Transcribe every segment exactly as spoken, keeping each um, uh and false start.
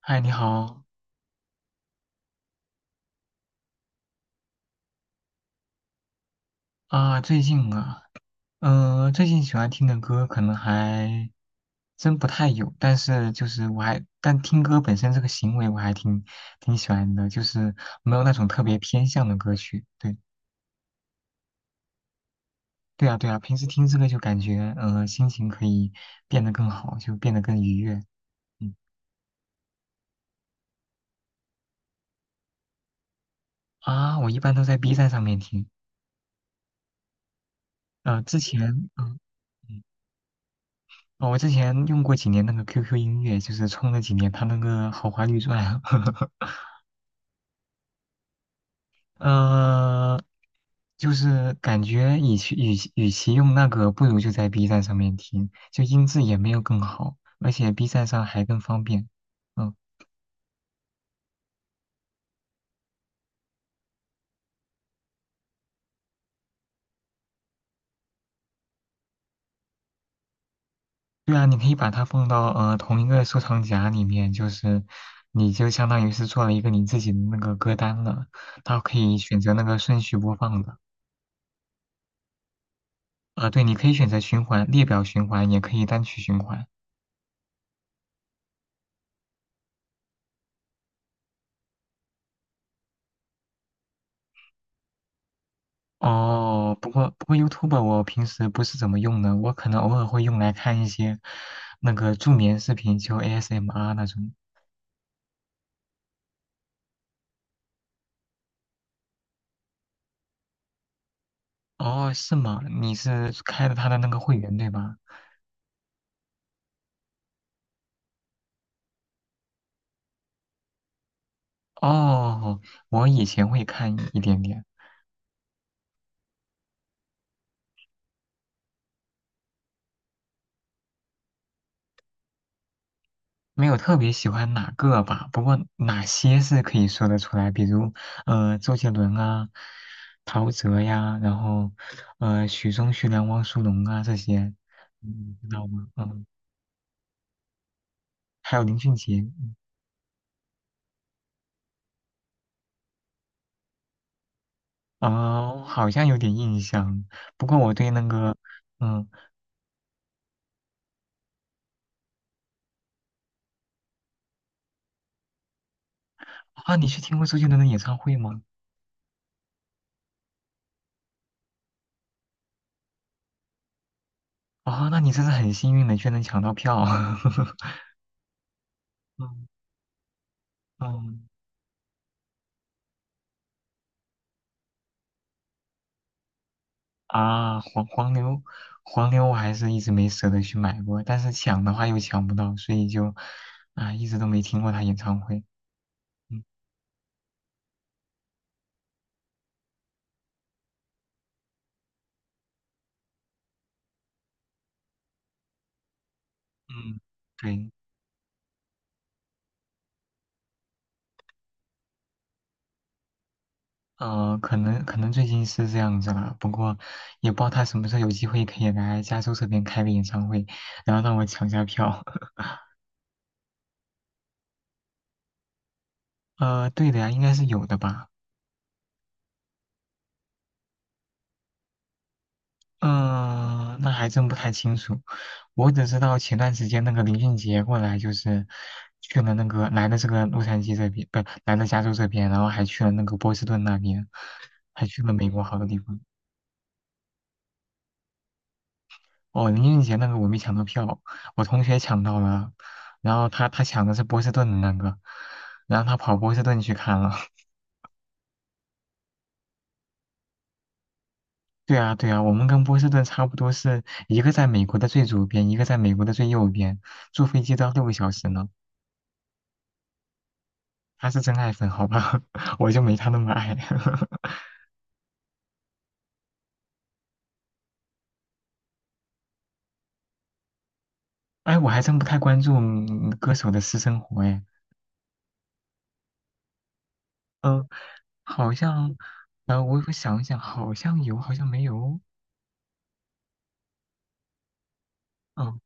嗨，你好啊，最近啊，嗯、最近喜欢听的歌可能还真不太有，但是就是我还，但听歌本身这个行为我还挺挺喜欢的，就是没有那种特别偏向的歌曲。对，对啊，对啊，平时听这个就感觉，呃，心情可以变得更好，就变得更愉悦。嗯啊，我一般都在 B 站上面听，呃，之前嗯。嗯哦，我之前用过几年那个 Q Q 音乐，就是充了几年它那个豪华绿钻，呃，就是感觉与其与其与其用那个，不如就在 B 站上面听，就音质也没有更好，而且 B 站上还更方便。嗯，对啊，你可以把它放到呃同一个收藏夹里面，就是你就相当于是做了一个你自己的那个歌单了，它可以选择那个顺序播放的。呃，对，你可以选择循环、列表循环，也可以单曲循环。哦，不过不过 YouTube 我平时不是怎么用的，我可能偶尔会用来看一些那个助眠视频，就 A S M R 那种。哦，是吗？你是开了他的那个会员对吧？哦，我以前会看一点点，没有特别喜欢哪个吧，不过哪些是可以说得出来，比如呃周杰伦啊、陶喆呀，然后呃许嵩、徐良、汪苏泷啊这些，嗯，知道吗？嗯，还有林俊杰。啊，我好像有点印象，不过我对那个，嗯，啊，你去听过周杰伦的演唱会吗？啊，那你真是很幸运的，居然能抢到票。嗯嗯，啊，黄黄牛，黄牛我还是一直没舍得去买过，但是抢的话又抢不到，所以就，啊，一直都没听过他演唱会。嗯嗯，对，呃，可能可能最近是这样子了，不过也不知道他什么时候有机会可以来加州这边开个演唱会，然后让我抢下票。呃，对的呀，应该是有的吧。嗯、那还真不太清楚。我只知道前段时间那个林俊杰过来，就是去了那个来了这个洛杉矶这边，不来了加州这边，然后还去了那个波士顿那边，还去了美国好多地方。哦，林俊杰那个我没抢到票，我同学抢到了，然后他他抢的是波士顿的那个，然后他跑波士顿去看了。对啊，对啊，我们跟波士顿差不多是一个在美国的最左边，一个在美国的最右边，坐飞机都要六个小时呢。他是真爱粉，好吧，我就没他那么爱。哎，我还真不太关注嗯歌手的私生活，哎，嗯，好像，呃，我我想一想，好像有，好像没有，嗯。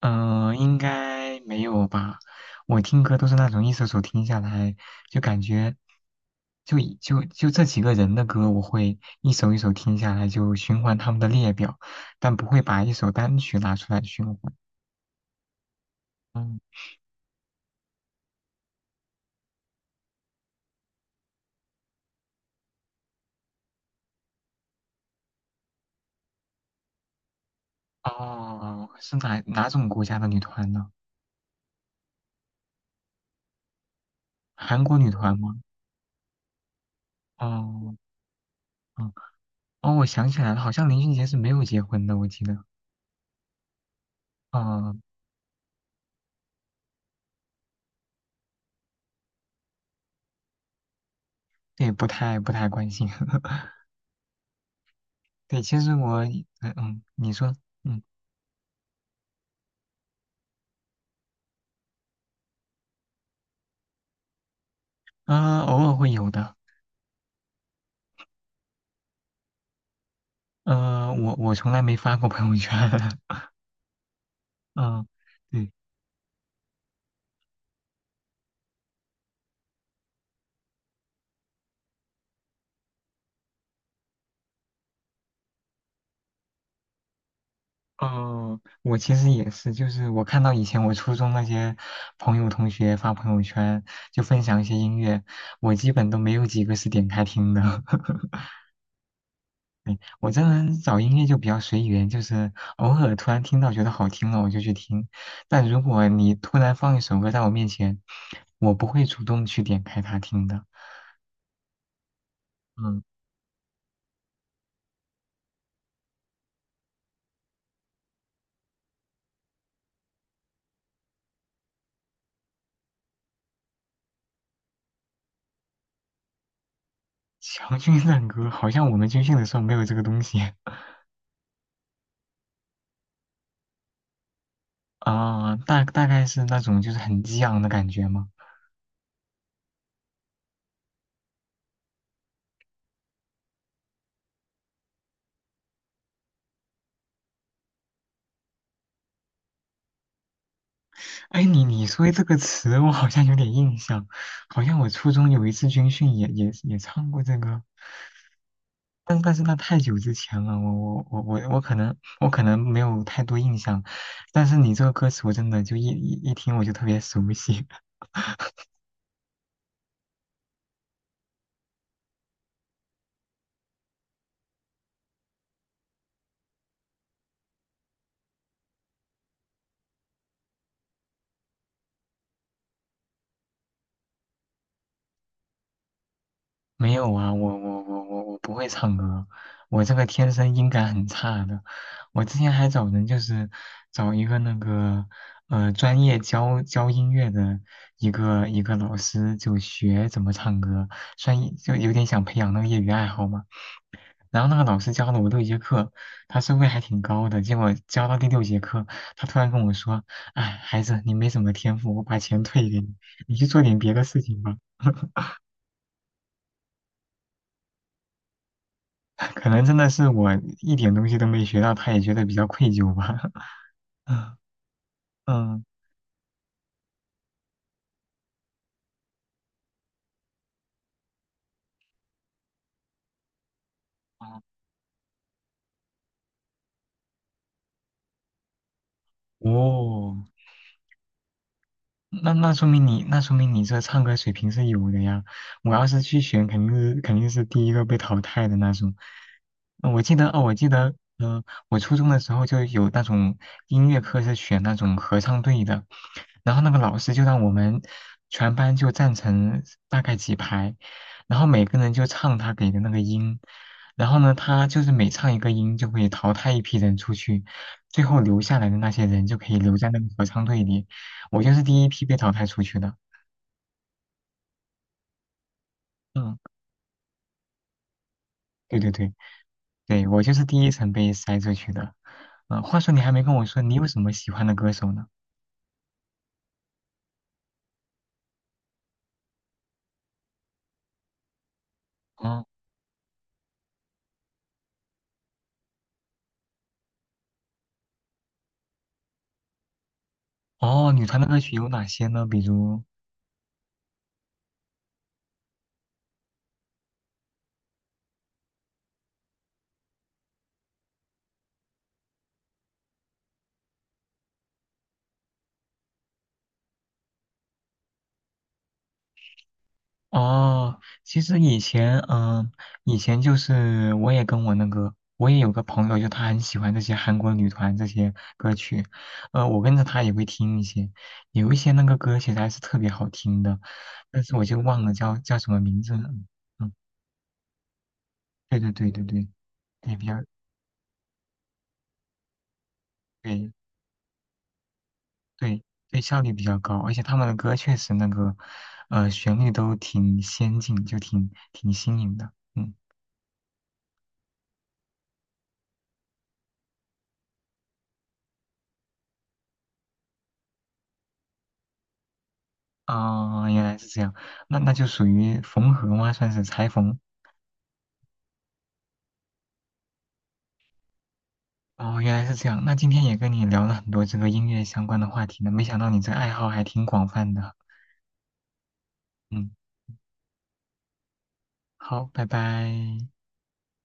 嗯、呃应该没有吧？我听歌都是那种一首首听下来，就感觉就以就就这几个人的歌，我会一首一首听下来，就循环他们的列表，但不会把一首单曲拿出来循环。嗯，哦，是哪哪种国家的女团呢？韩国女团吗？哦，嗯，哦，我想起来了，好像林俊杰是没有结婚的，我记得。嗯，对，不太不太关心。对，其实我，嗯，嗯你说。嗯。啊，偶尔会有的。呃，我我从来没发过朋友圈。嗯，对，哦，我其实也是，就是我看到以前我初中那些朋友同学发朋友圈，就分享一些音乐，我基本都没有几个是点开听的。我这人找音乐就比较随缘，就是偶尔突然听到觉得好听了，我就去听。但如果你突然放一首歌在我面前，我不会主动去点开它听的。嗯。强军战歌好像我们军训的时候没有这个东西啊，大大概是那种就是很激昂的感觉吗？哎，你你说这个词，我好像有点印象，好像我初中有一次军训也也也唱过这个，但但是那太久之前了，我我我我我可能我可能没有太多印象，但是你这个歌词我真的就一一一听我就特别熟悉，没有啊，我我我我我不会唱歌，我这个天生音感很差的。我之前还找人，就是找一个那个呃专业教教音乐的一个一个老师，就学怎么唱歌，算一就有点想培养那个业余爱好嘛。然后那个老师教了我六节课，他收费还挺高的。结果教到第六节课，他突然跟我说："哎，孩子，你没什么天赋，我把钱退给你，你去做点别的事情吧。"可能真的是我一点东西都没学到，他也觉得比较愧疚吧。嗯，哦，那那说明你那说明你这唱歌水平是有的呀。我要是去选，肯定是肯定是第一个被淘汰的那种。呃我记得哦，我记得，嗯、我初中的时候就有那种音乐课是选那种合唱队的，然后那个老师就让我们全班就站成大概几排，然后每个人就唱他给的那个音，然后呢，他就是每唱一个音就会淘汰一批人出去，最后留下来的那些人就可以留在那个合唱队里。我就是第一批被淘汰出去的。嗯，对对对，对，我就是第一层被筛出去的。嗯、话说你还没跟我说你有什么喜欢的歌手呢？哦，哦，女团的歌曲有哪些呢？比如，哦，其实以前，嗯、以前就是我也跟我那个，我也有个朋友，就他很喜欢这些韩国女团这些歌曲，呃，我跟着他也会听一些，有一些那个歌其实还是特别好听的，但是我就忘了叫叫什么名字了。嗯，对对对对对，对，比较对对对，效率比较高，而且他们的歌确实那个，呃，旋律都挺先进，就挺挺新颖的。嗯，啊，原来是这样，那那就属于缝合吗？算是裁缝。哦，原来是这样。那今天也跟你聊了很多这个音乐相关的话题呢，没想到你这爱好还挺广泛的。嗯，好，拜拜。